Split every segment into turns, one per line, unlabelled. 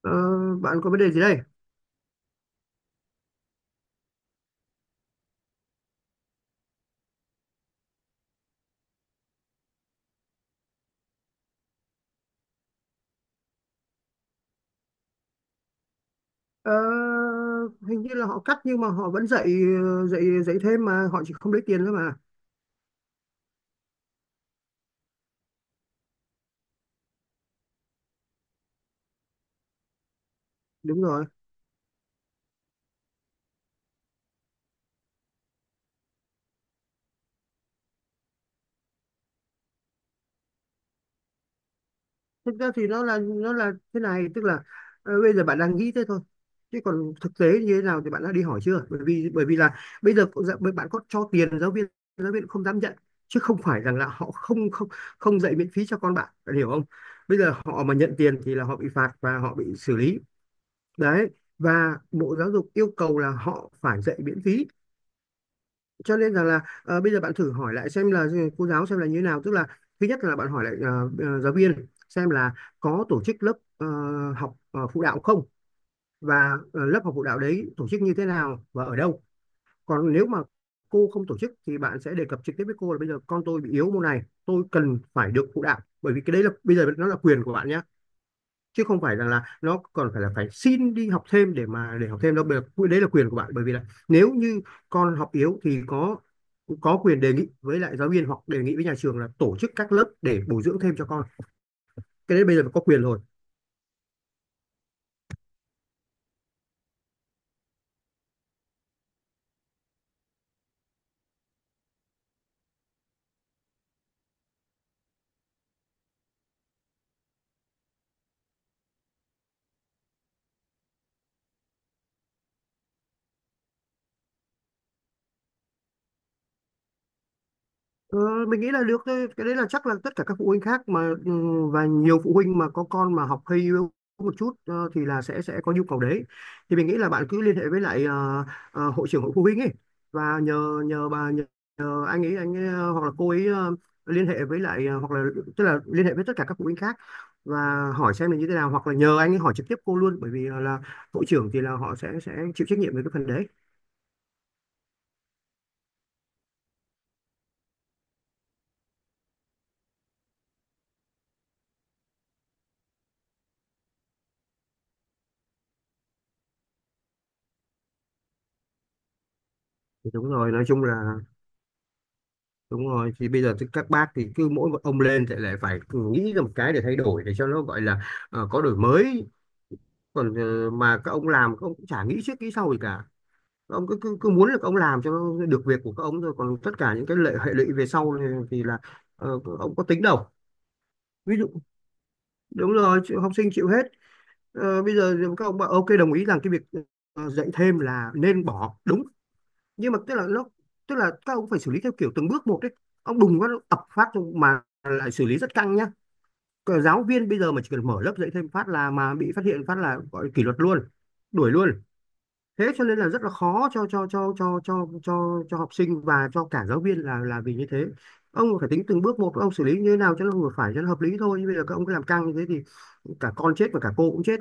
Ờ, bạn có vấn đề gì đây? Ờ, Hình như là họ cắt nhưng mà họ vẫn dạy dạy dạy thêm mà họ chỉ không lấy tiền thôi mà. Đúng rồi. Thực ra thì nó là thế này, tức là bây giờ bạn đang nghĩ thế thôi. Chứ còn thực tế như thế nào thì bạn đã đi hỏi chưa? Bởi vì là bây giờ dạ, bạn có cho tiền giáo viên cũng không dám nhận chứ không phải rằng là họ không không không dạy miễn phí cho con bạn, bạn hiểu không? Bây giờ họ mà nhận tiền thì là họ bị phạt và họ bị xử lý. Đấy. Và Bộ Giáo dục yêu cầu là họ phải dạy miễn phí, cho nên rằng là bây giờ bạn thử hỏi lại xem là cô giáo xem là như thế nào, tức là thứ nhất là bạn hỏi lại giáo viên xem là có tổ chức lớp học phụ đạo không, và lớp học phụ đạo đấy tổ chức như thế nào và ở đâu. Còn nếu mà cô không tổ chức thì bạn sẽ đề cập trực tiếp với cô là bây giờ con tôi bị yếu môn này, tôi cần phải được phụ đạo, bởi vì cái đấy là bây giờ nó là quyền của bạn nhé, chứ không phải rằng là nó còn phải là phải xin đi học thêm để mà để học thêm đâu. Đấy là quyền của bạn, bởi vì là nếu như con học yếu thì có quyền đề nghị với lại giáo viên hoặc đề nghị với nhà trường là tổ chức các lớp để bồi dưỡng thêm cho con. Cái đấy bây giờ có quyền rồi. Ờ, mình nghĩ là được thôi. Cái đấy là chắc là tất cả các phụ huynh khác mà ừ, và nhiều phụ huynh mà có con mà học hơi yếu một chút thì là sẽ có nhu cầu đấy. Thì mình nghĩ là bạn cứ liên hệ với lại hội trưởng hội phụ huynh ấy, và nhờ nhờ bà nhờ, nhờ anh ấy, hoặc là cô ấy liên hệ với lại hoặc là tức là liên hệ với tất cả các phụ huynh khác và hỏi xem là như thế nào, hoặc là nhờ anh ấy hỏi trực tiếp cô luôn, bởi vì là hội trưởng thì là họ sẽ chịu trách nhiệm về cái phần đấy. Thì đúng rồi, nói chung là đúng rồi, thì bây giờ thì các bác thì cứ mỗi một ông lên thì lại phải nghĩ ra một cái để thay đổi để cho nó gọi là có đổi mới. Còn mà các ông làm các ông cũng chả nghĩ trước nghĩ sau gì cả, các ông cứ cứ, cứ muốn là các ông làm cho nó được việc của các ông thôi, còn tất cả những cái lệ hệ lụy về sau thì, các ông có tính đâu. Ví dụ đúng rồi học sinh chịu hết. Ờ, bây giờ các ông bảo ok, đồng ý rằng cái việc dạy thêm là nên bỏ, đúng, nhưng mà tức là các ông phải xử lý theo kiểu từng bước một đấy, ông đùng phát ập phát mà lại xử lý rất căng nhá. Cờ giáo viên bây giờ mà chỉ cần mở lớp dạy thêm phát là mà bị phát hiện phát là gọi kỷ luật luôn, đuổi luôn, thế cho nên là rất là khó cho học sinh và cho cả giáo viên là vì như thế. Ông phải tính từng bước một, ông xử lý như thế nào cho nó vừa phải, cho nó hợp lý thôi, chứ bây giờ các ông cứ làm căng như thế thì cả con chết và cả cô cũng chết.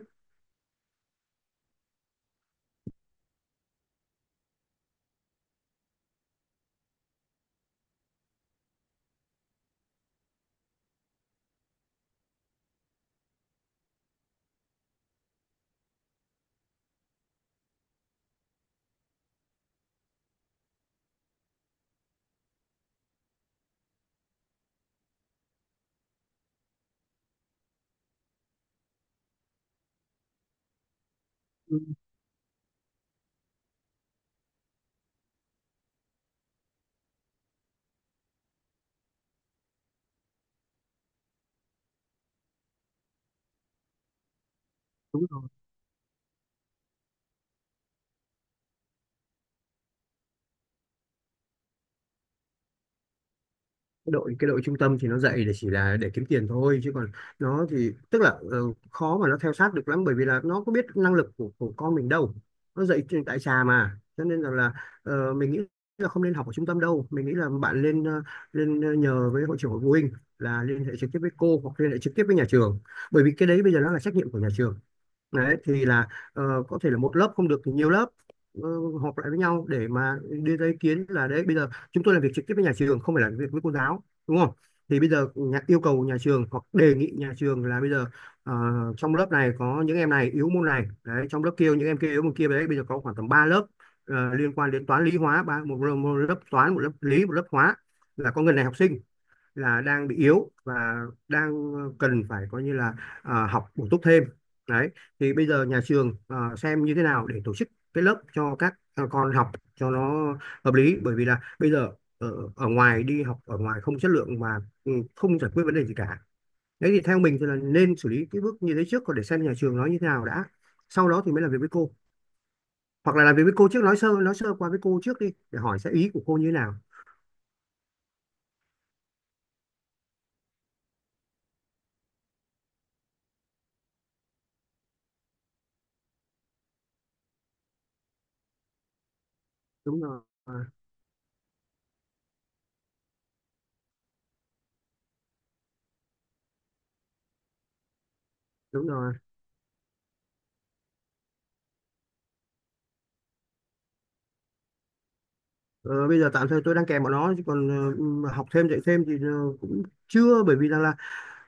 Ừ, đúng rồi, đội trung tâm thì nó dạy để chỉ là để kiếm tiền thôi, chứ còn nó thì tức là khó mà nó theo sát được lắm, bởi vì là nó có biết năng lực của con mình đâu, nó dạy tại xà, mà cho nên rằng là mình nghĩ là không nên học ở trung tâm đâu. Mình nghĩ là bạn lên nhờ với hội trưởng hội phụ huynh là liên hệ trực tiếp với cô, hoặc liên hệ trực tiếp với nhà trường, bởi vì cái đấy bây giờ nó là trách nhiệm của nhà trường. Đấy thì là có thể là một lớp không được thì nhiều lớp ờ, họp lại với nhau để mà đưa ra ý kiến là đấy, bây giờ chúng tôi làm việc trực tiếp với nhà trường, không phải làm việc với cô giáo đúng không. Thì bây giờ yêu cầu nhà trường hoặc đề nghị nhà trường là bây giờ ờ, trong lớp này có những em này yếu môn này đấy, trong lớp kia những em kia yếu môn kia đấy, bây giờ có khoảng tầm 3 lớp liên quan đến toán lý hóa ba, một lớp toán, một lớp lý, một lớp hóa, là có người này học sinh là đang bị yếu và đang cần phải coi như là à, học bổ túc thêm. Đấy thì bây giờ nhà trường à, xem như thế nào để tổ chức cái lớp cho các con học cho nó hợp lý, bởi vì là bây giờ ở ngoài đi học ở ngoài không chất lượng và ừ, không giải quyết vấn đề gì cả. Đấy thì theo mình thì là nên xử lý cái bước như thế trước, còn để xem nhà trường nói như thế nào đã, sau đó thì mới làm việc với cô, hoặc là làm việc với cô trước, nói sơ qua với cô trước đi để hỏi sẽ ý của cô như thế nào. Đúng rồi, à, đúng rồi. Ờ, bây giờ tạm thời tôi đang kèm bọn nó, chứ còn học thêm dạy thêm thì cũng chưa, bởi vì rằng là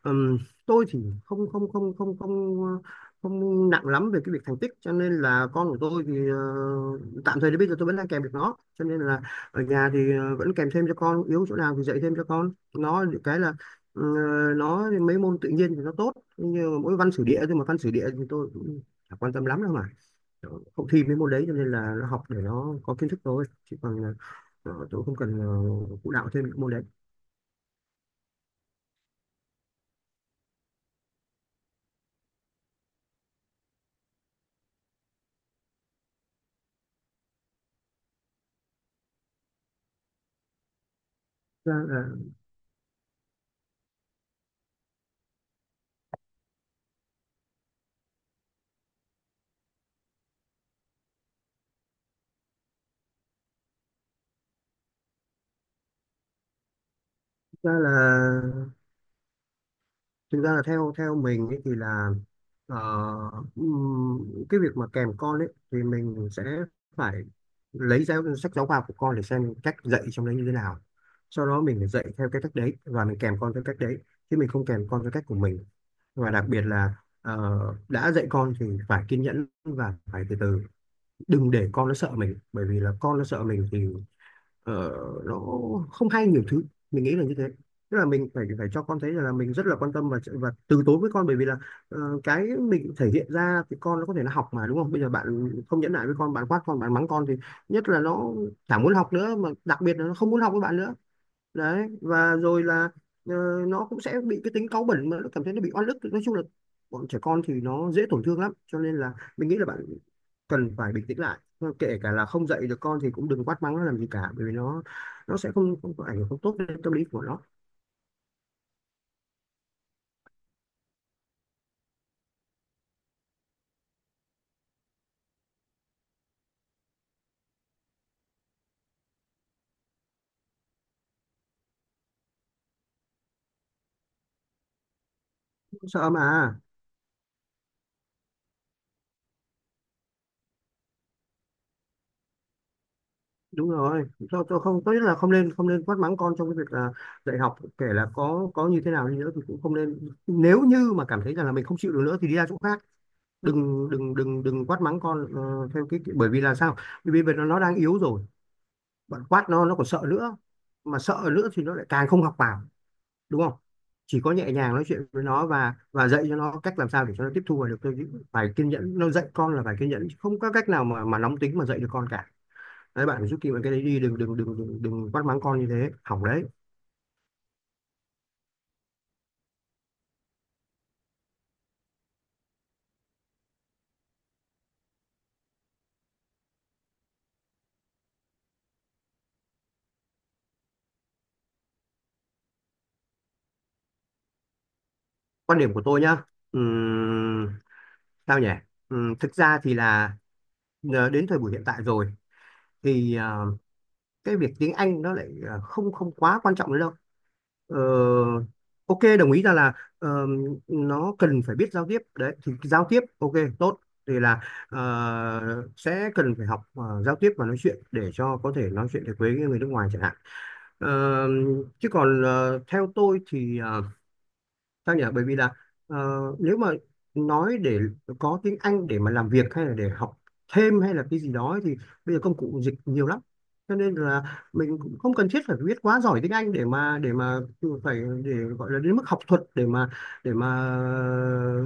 ừm, tôi thì không không không không không ờ, không nặng lắm về cái việc thành tích, cho nên là con của tôi thì tạm thời đến bây giờ tôi vẫn đang kèm được nó, cho nên là ở nhà thì vẫn kèm thêm cho con, yếu chỗ nào thì dạy thêm cho con. Nó được cái là ờ, nó mấy môn tự nhiên thì nó tốt, nhưng mà mỗi văn sử địa thôi, mà văn sử địa thì tôi cũng chả quan tâm lắm đâu mà, không thi mấy môn đấy, cho nên là nó học để nó có kiến thức thôi, chứ còn Ờ, tôi không cần phụ đạo thêm những môn đấy. thực ra là thực ra là Thực ra là theo theo mình ấy thì là ờ, cái việc mà kèm con ấy thì mình sẽ phải lấy sách giáo khoa của con để xem cách dạy trong đấy như thế nào, sau đó mình phải dạy theo cái cách đấy và mình kèm con theo cách đấy, chứ mình không kèm con theo cách của mình. Và đặc biệt là ờ, đã dạy con thì phải kiên nhẫn và phải từ từ, đừng để con nó sợ mình, bởi vì là con nó sợ mình thì ờ, nó không hay nhiều thứ. Mình nghĩ là như thế, tức là mình phải phải cho con thấy rằng là mình rất là quan tâm và từ tốn với con, bởi vì là cái mình thể hiện ra thì con nó có thể nó học mà đúng không. Bây giờ bạn không nhẫn nại với con, bạn quát con, bạn mắng con, thì nhất là nó chẳng muốn học nữa mà, đặc biệt là nó không muốn học với bạn nữa. Đấy, và rồi là ờ, nó cũng sẽ bị cái tính cáu bẩn mà nó cảm thấy nó bị oan ức, nói chung là bọn trẻ con thì nó dễ tổn thương lắm, cho nên là mình nghĩ là bạn cần phải bình tĩnh lại. Thôi, kể cả là không dạy được con thì cũng đừng quát mắng nó làm gì cả, bởi vì nó sẽ không không có ảnh hưởng không tốt đến tâm lý của nó. Sợ mà. Đúng rồi, tôi không, tốt nhất là không nên quát mắng con trong cái việc là dạy học, kể là có như thế nào đi nữa thì cũng không nên. Nếu như mà cảm thấy rằng là mình không chịu được nữa thì đi ra chỗ khác, đừng đừng đừng đừng quát mắng con theo cái bởi vì là sao, bởi vì bây Giờ nó đang yếu rồi. Bạn quát nó còn sợ nữa, mà sợ nữa thì nó lại càng không học vào, đúng không? Chỉ có nhẹ nhàng nói chuyện với nó và dạy cho nó cách làm sao để cho nó tiếp thu và được. Tôi phải kiên nhẫn, nó dạy con là phải kiên nhẫn, không có cách nào mà nóng tính mà dạy được con cả. Đấy, bạn phải giúp kịp cái đấy đi, đừng đừng đừng đừng đừng quát mắng con như thế, hỏng đấy. Quan điểm của tôi nhá. Ừm, Sao nhỉ? Thực ra thì là đến thời buổi hiện tại rồi thì cái việc tiếng Anh nó lại không không quá quan trọng nữa đâu. Ờ, ok, đồng ý ra là ờ, nó cần phải biết giao tiếp, đấy thì giao tiếp ok, tốt. Thì là sẽ cần phải học giao tiếp và nói chuyện để cho có thể nói chuyện được với người nước ngoài chẳng hạn. Ờ, chứ còn theo tôi thì sao nhỉ, bởi vì là nếu mà nói để có tiếng Anh để mà làm việc hay là để học thêm hay là cái gì đó ấy, thì bây giờ công cụ dịch nhiều lắm, cho nên là mình cũng không cần thiết phải biết quá giỏi tiếng Anh để mà phải để gọi là đến mức học thuật để mà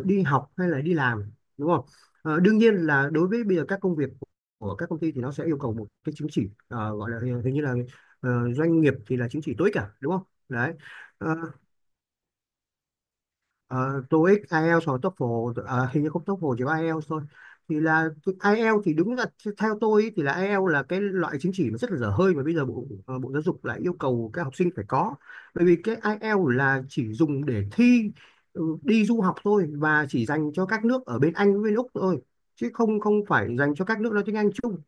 đi học hay là đi làm, đúng không? Ờ, đương nhiên là đối với bây giờ các công việc của các công ty thì nó sẽ yêu cầu một cái chứng chỉ, gọi là hình hình như là doanh nghiệp thì là chứng chỉ tối cả, đúng không? Đấy. Ờ, TOEIC, IELTS hoặc TOEFL, hình như không, TOEFL chỉ có IELTS thôi. Thì là cái IELTS thì đúng là, theo tôi ý, thì là IELTS là cái loại chứng chỉ mà rất là dở hơi mà bây giờ bộ bộ giáo dục lại yêu cầu các học sinh phải có. Bởi vì cái IELTS là chỉ dùng để thi, ừ, đi du học thôi, và chỉ dành cho các nước ở bên Anh với bên Úc thôi, chứ không không phải dành cho các nước nói tiếng Anh chung.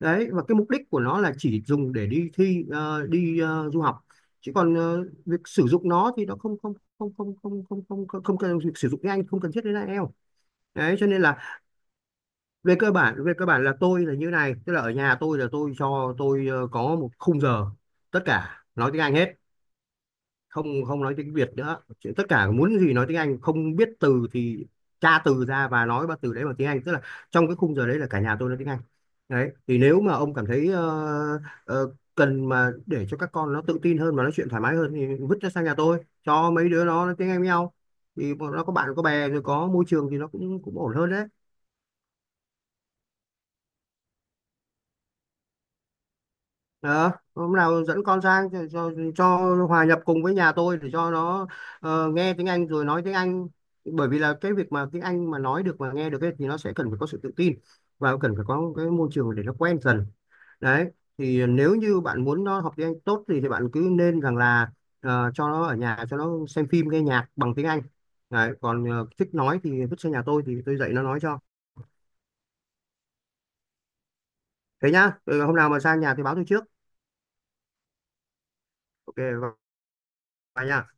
Đấy, và cái mục đích của nó là chỉ dùng để đi thi, đi du học, chứ còn việc sử dụng nó thì nó không không không không không không không không, không cần, việc sử dụng tiếng Anh không cần thiết đến IELTS. Đấy, cho nên là về cơ bản là tôi là như này, tức là ở nhà tôi là tôi cho có một khung giờ tất cả nói tiếng Anh hết, không không nói tiếng Việt nữa. Chỉ- tất cả muốn gì nói tiếng Anh, không biết từ thì tra từ ra và nói ba từ đấy bằng tiếng Anh, tức là trong cái khung giờ đấy là cả nhà tôi nói tiếng Anh. Đấy thì nếu mà ông cảm thấy cần mà để cho các con nó tự tin hơn và nói chuyện thoải mái hơn thì vứt nó sang nhà tôi cho mấy đứa nó nói tiếng Anh với nhau, thì bọn nó có bạn có bè rồi, có môi trường thì nó cũng cũng ổn hơn đấy. Đó, hôm nào dẫn con sang cho, cho hòa nhập cùng với nhà tôi để cho nó nghe tiếng Anh rồi nói tiếng Anh. Bởi vì là cái việc mà tiếng Anh mà nói được mà nghe được ấy, thì nó sẽ cần phải có sự tự tin và cần phải có cái môi trường để nó quen dần. Đấy, thì nếu như bạn muốn nó học tiếng Anh tốt thì bạn cứ nên rằng là cho nó ở nhà cho nó xem phim nghe nhạc bằng tiếng Anh. Đấy, còn thích nói thì vứt sang nhà tôi thì tôi dạy nó nói cho. Thế nhá. Ừ, hôm nào mà sang nhà thì báo tôi trước. Ok, và nha.